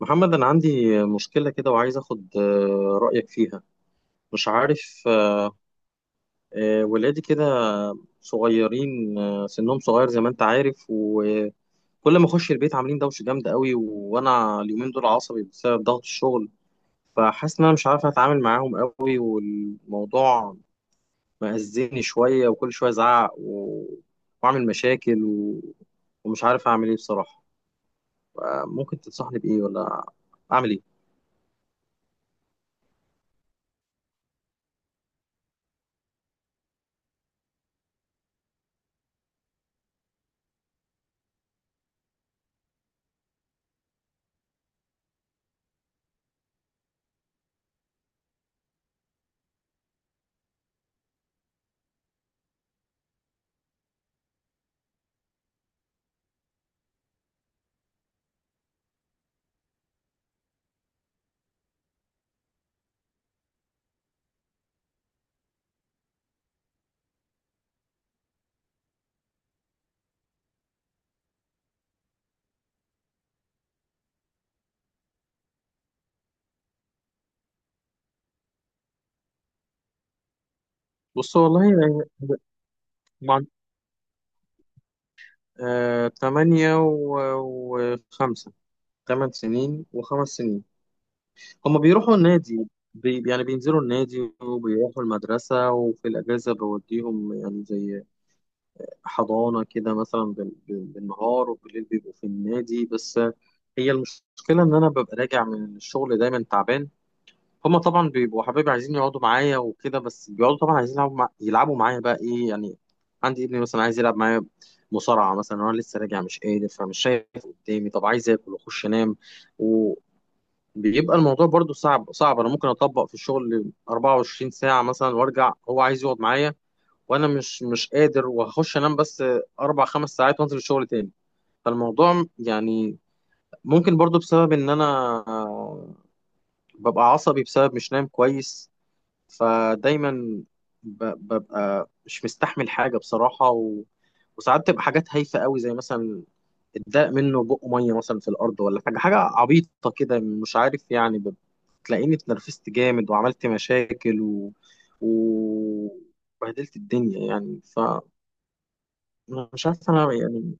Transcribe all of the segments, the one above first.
محمد، أنا عندي مشكلة كده وعايز أخد رأيك فيها. مش عارف. ولادي كده صغيرين، سنهم صغير زي ما أنت عارف، وكل ما أخش البيت عاملين دوشة جامدة قوي، وأنا اليومين دول عصبي بسبب ضغط الشغل. فحاسس إن أنا مش عارف أتعامل معاهم قوي، والموضوع مأذيني شوية، وكل شوية أزعق وأعمل مشاكل ومش عارف أعمل إيه بصراحة. ممكن تنصحني بإيه، ولا أعمل إيه؟ بص والله يعني 8 وخمسة، 8 سنين وخمس سنين. هما بيروحوا النادي، يعني بينزلوا النادي وبيروحوا المدرسة، وفي الأجازة بوديهم يعني زي حضانة كده، مثلا بالنهار، وبالليل بيبقوا في النادي. بس هي المشكلة إن أنا ببقى راجع من الشغل دايما تعبان. هما طبعا بيبقوا حبايبي، عايزين يقعدوا معايا وكده، بس بيقعدوا طبعا عايزين يلعبوا معايا بقى، ايه يعني. عندي ابني مثلا عايز يلعب معايا مصارعة مثلا، وانا لسه راجع مش قادر، فمش شايف قدامي، طب عايز اكل واخش انام. وبيبقى الموضوع برضو صعب، انا ممكن اطبق في الشغل 24 ساعة مثلا، وارجع هو عايز يقعد معايا، وانا مش قادر، وهخش انام بس 4 5 ساعات، وانزل الشغل تاني. فالموضوع يعني ممكن برضو بسبب ان انا آه، ببقى عصبي بسبب مش نايم كويس، فدايما ب- ببقى مش مستحمل حاجة بصراحة وساعات تبقى حاجات هايفة قوي، زي مثلا اتضاق منه بق مية مثلا في الأرض، ولا حاجة عبيطة كده، مش عارف يعني تلاقيني اتنرفزت جامد، وعملت مشاكل و- وبهدلت الدنيا يعني. فمش عارف أنا يعني.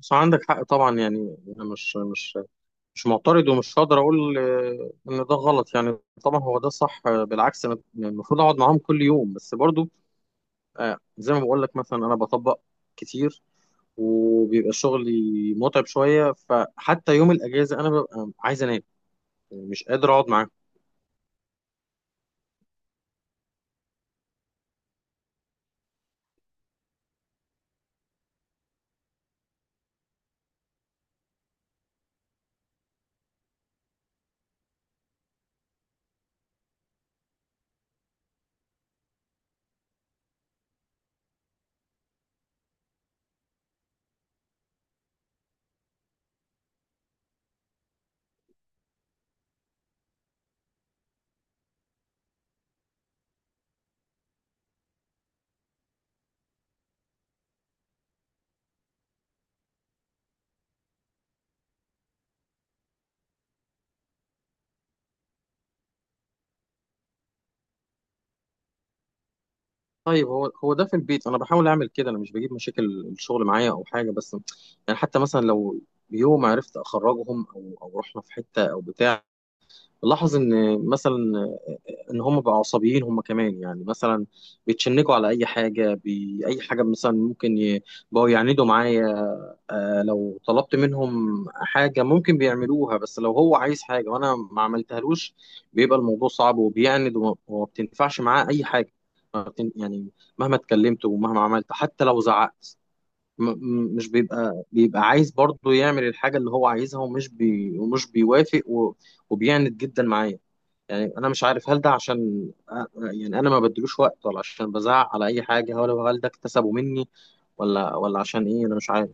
بس عندك حق طبعا، يعني أنا مش معترض، ومش هقدر أقول إن ده غلط يعني. طبعا هو ده صح، بالعكس، أنا يعني المفروض أقعد معاهم كل يوم، بس برضو زي ما بقول لك، مثلا انا بطبق كتير وبيبقى شغلي متعب شويه، فحتى يوم الاجازه انا ببقى عايز انام، يعني مش قادر اقعد معاهم. طيب هو ده في البيت انا بحاول اعمل كده، انا مش بجيب مشاكل الشغل معايا او حاجه، بس يعني حتى مثلا لو يوم عرفت اخرجهم او رحنا في حته او بتاع، لاحظ ان مثلا ان هم بقوا عصبيين، هم كمان يعني مثلا بيتشنجوا على اي حاجه، اي حاجه مثلا بقوا يعندوا معايا. آه لو طلبت منهم حاجه ممكن بيعملوها، بس لو هو عايز حاجه وانا ما عملتهالوش، بيبقى الموضوع صعب، وبيعند وما بتنفعش معاه اي حاجه. ما بتن... يعني مهما اتكلمت ومهما عملت حتى لو زعقت، م- مش بيبقى عايز برضه يعمل الحاجة اللي هو عايزها، ومش بيوافق وبيعند جدا معايا. يعني أنا مش عارف، هل ده عشان يعني أنا ما بدلوش وقت، ولا عشان بزعق على أي حاجة، ولا هل ده اكتسبه مني، ولا عشان إيه، أنا مش عارف.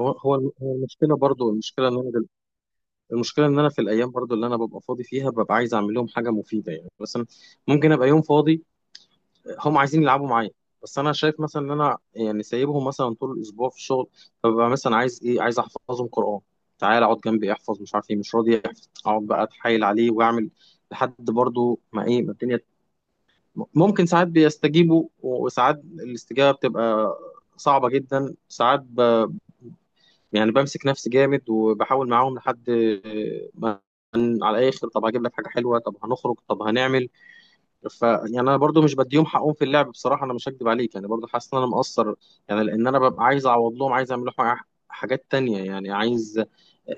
هو هو الم- هو المشكلة برضه، المشكلة إن أنا في الأيام برضه اللي أنا ببقى فاضي فيها، ببقى عايز أعمل لهم حاجة مفيدة، يعني مثلا ممكن أبقى يوم فاضي، هم عايزين يلعبوا معايا، بس انا شايف مثلا ان انا يعني سايبهم مثلا طول الاسبوع في الشغل، فببقى مثلا عايز ايه، عايز احفظهم قران، تعال اقعد جنبي احفظ، مش عارف ايه مش راضي يحفظ، اقعد بقى اتحايل عليه واعمل لحد برضو ما ايه ما الدنيا. ممكن ساعات بيستجيبوا، وساعات الاستجابه بتبقى صعبه جدا، ساعات ب... يعني بمسك نفسي جامد، وبحاول معاهم لحد ما على الاخر، طب هجيب لك حاجه حلوه، طب هنخرج، طب هنعمل. ف يعني انا برضو مش بديهم حقهم في اللعب بصراحه، انا مش هكدب عليك، يعني برضو حاسس ان انا مقصر، يعني لان انا ببقى عايز اعوض لهم، عايز اعمل لهم حاجات تانية، يعني عايز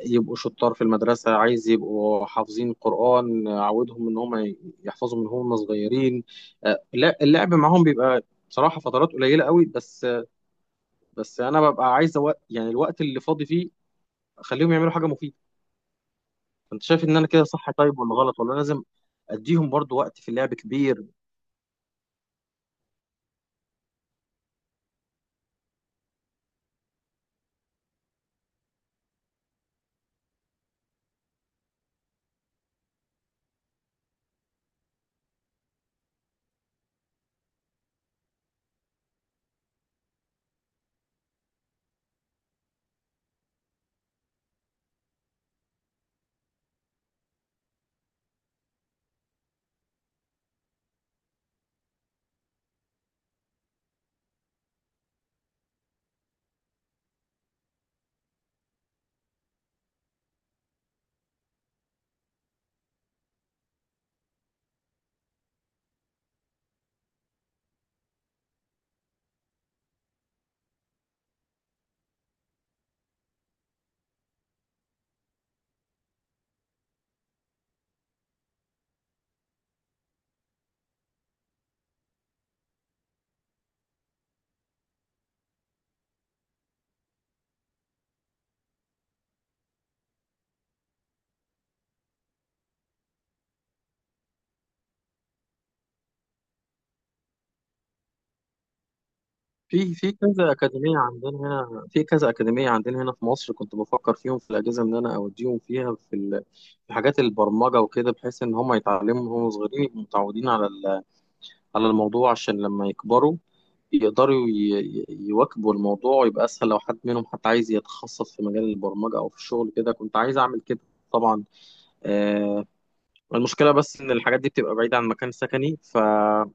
يبقوا شطار في المدرسه، عايز يبقوا حافظين القران، اعودهم ان هم يحفظوا من هم صغيرين. لا اللعب معاهم بيبقى بصراحه فترات قليله قوي، بس انا ببقى عايز وقت، يعني الوقت اللي فاضي فيه اخليهم يعملوا حاجه مفيده. انت شايف ان انا كده صح طيب، ولا غلط، ولا لازم اديهم برضو وقت في اللعب كبير؟ في كذا أكاديمية عندنا هنا في مصر، كنت بفكر فيهم في الأجازة إن أنا أوديهم فيها في حاجات البرمجة وكده، بحيث إن هم يتعلموا وهم صغيرين يبقوا متعودين على الموضوع، عشان لما يكبروا يقدروا يواكبوا الموضوع، ويبقى أسهل لو حد منهم حتى عايز يتخصص في مجال البرمجة أو في الشغل كده. كنت عايز أعمل كده طبعا. آه، المشكلة بس إن الحاجات دي بتبقى بعيدة عن مكان سكني، فبيبقى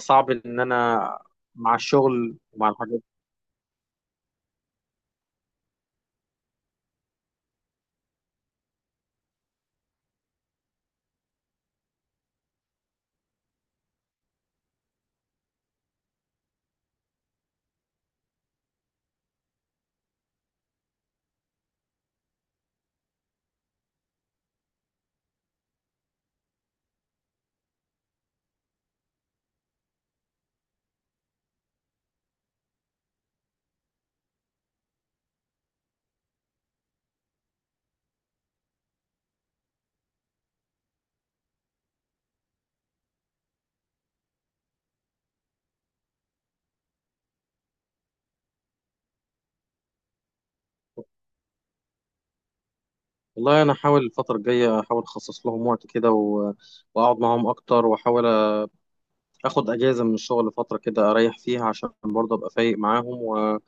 صعب إن أنا مع الشغل ومع الحاجات. والله انا احاول الفتره الجايه احاول اخصص لهم وقت كده واقعد معاهم اكتر، واحاول اخد اجازه من الشغل فتره كده، اريح فيها عشان برضه ابقى فايق معاهم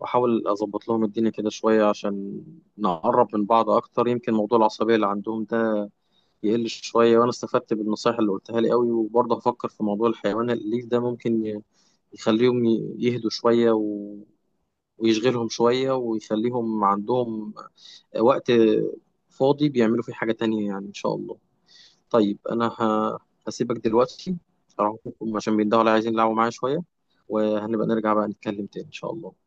واحاول اظبط لهم الدنيا كده شويه، عشان نقرب من بعض اكتر، يمكن موضوع العصبيه اللي عندهم ده يقل شويه، وانا استفدت بالنصايح اللي قلتها لي قوي. وبرضه هفكر في موضوع الحيوان الاليف ده، ممكن يخليهم يهدوا شويه ويشغلهم شوية، ويخليهم عندهم وقت فاضي بيعملوا فيه حاجة تانية يعني إن شاء الله. طيب أنا هسيبك دلوقتي، أروح أشوفهم عشان بيندهوا على عايزين يلعبوا معايا شوية، وهنبقى نرجع بقى نتكلم تاني إن شاء الله.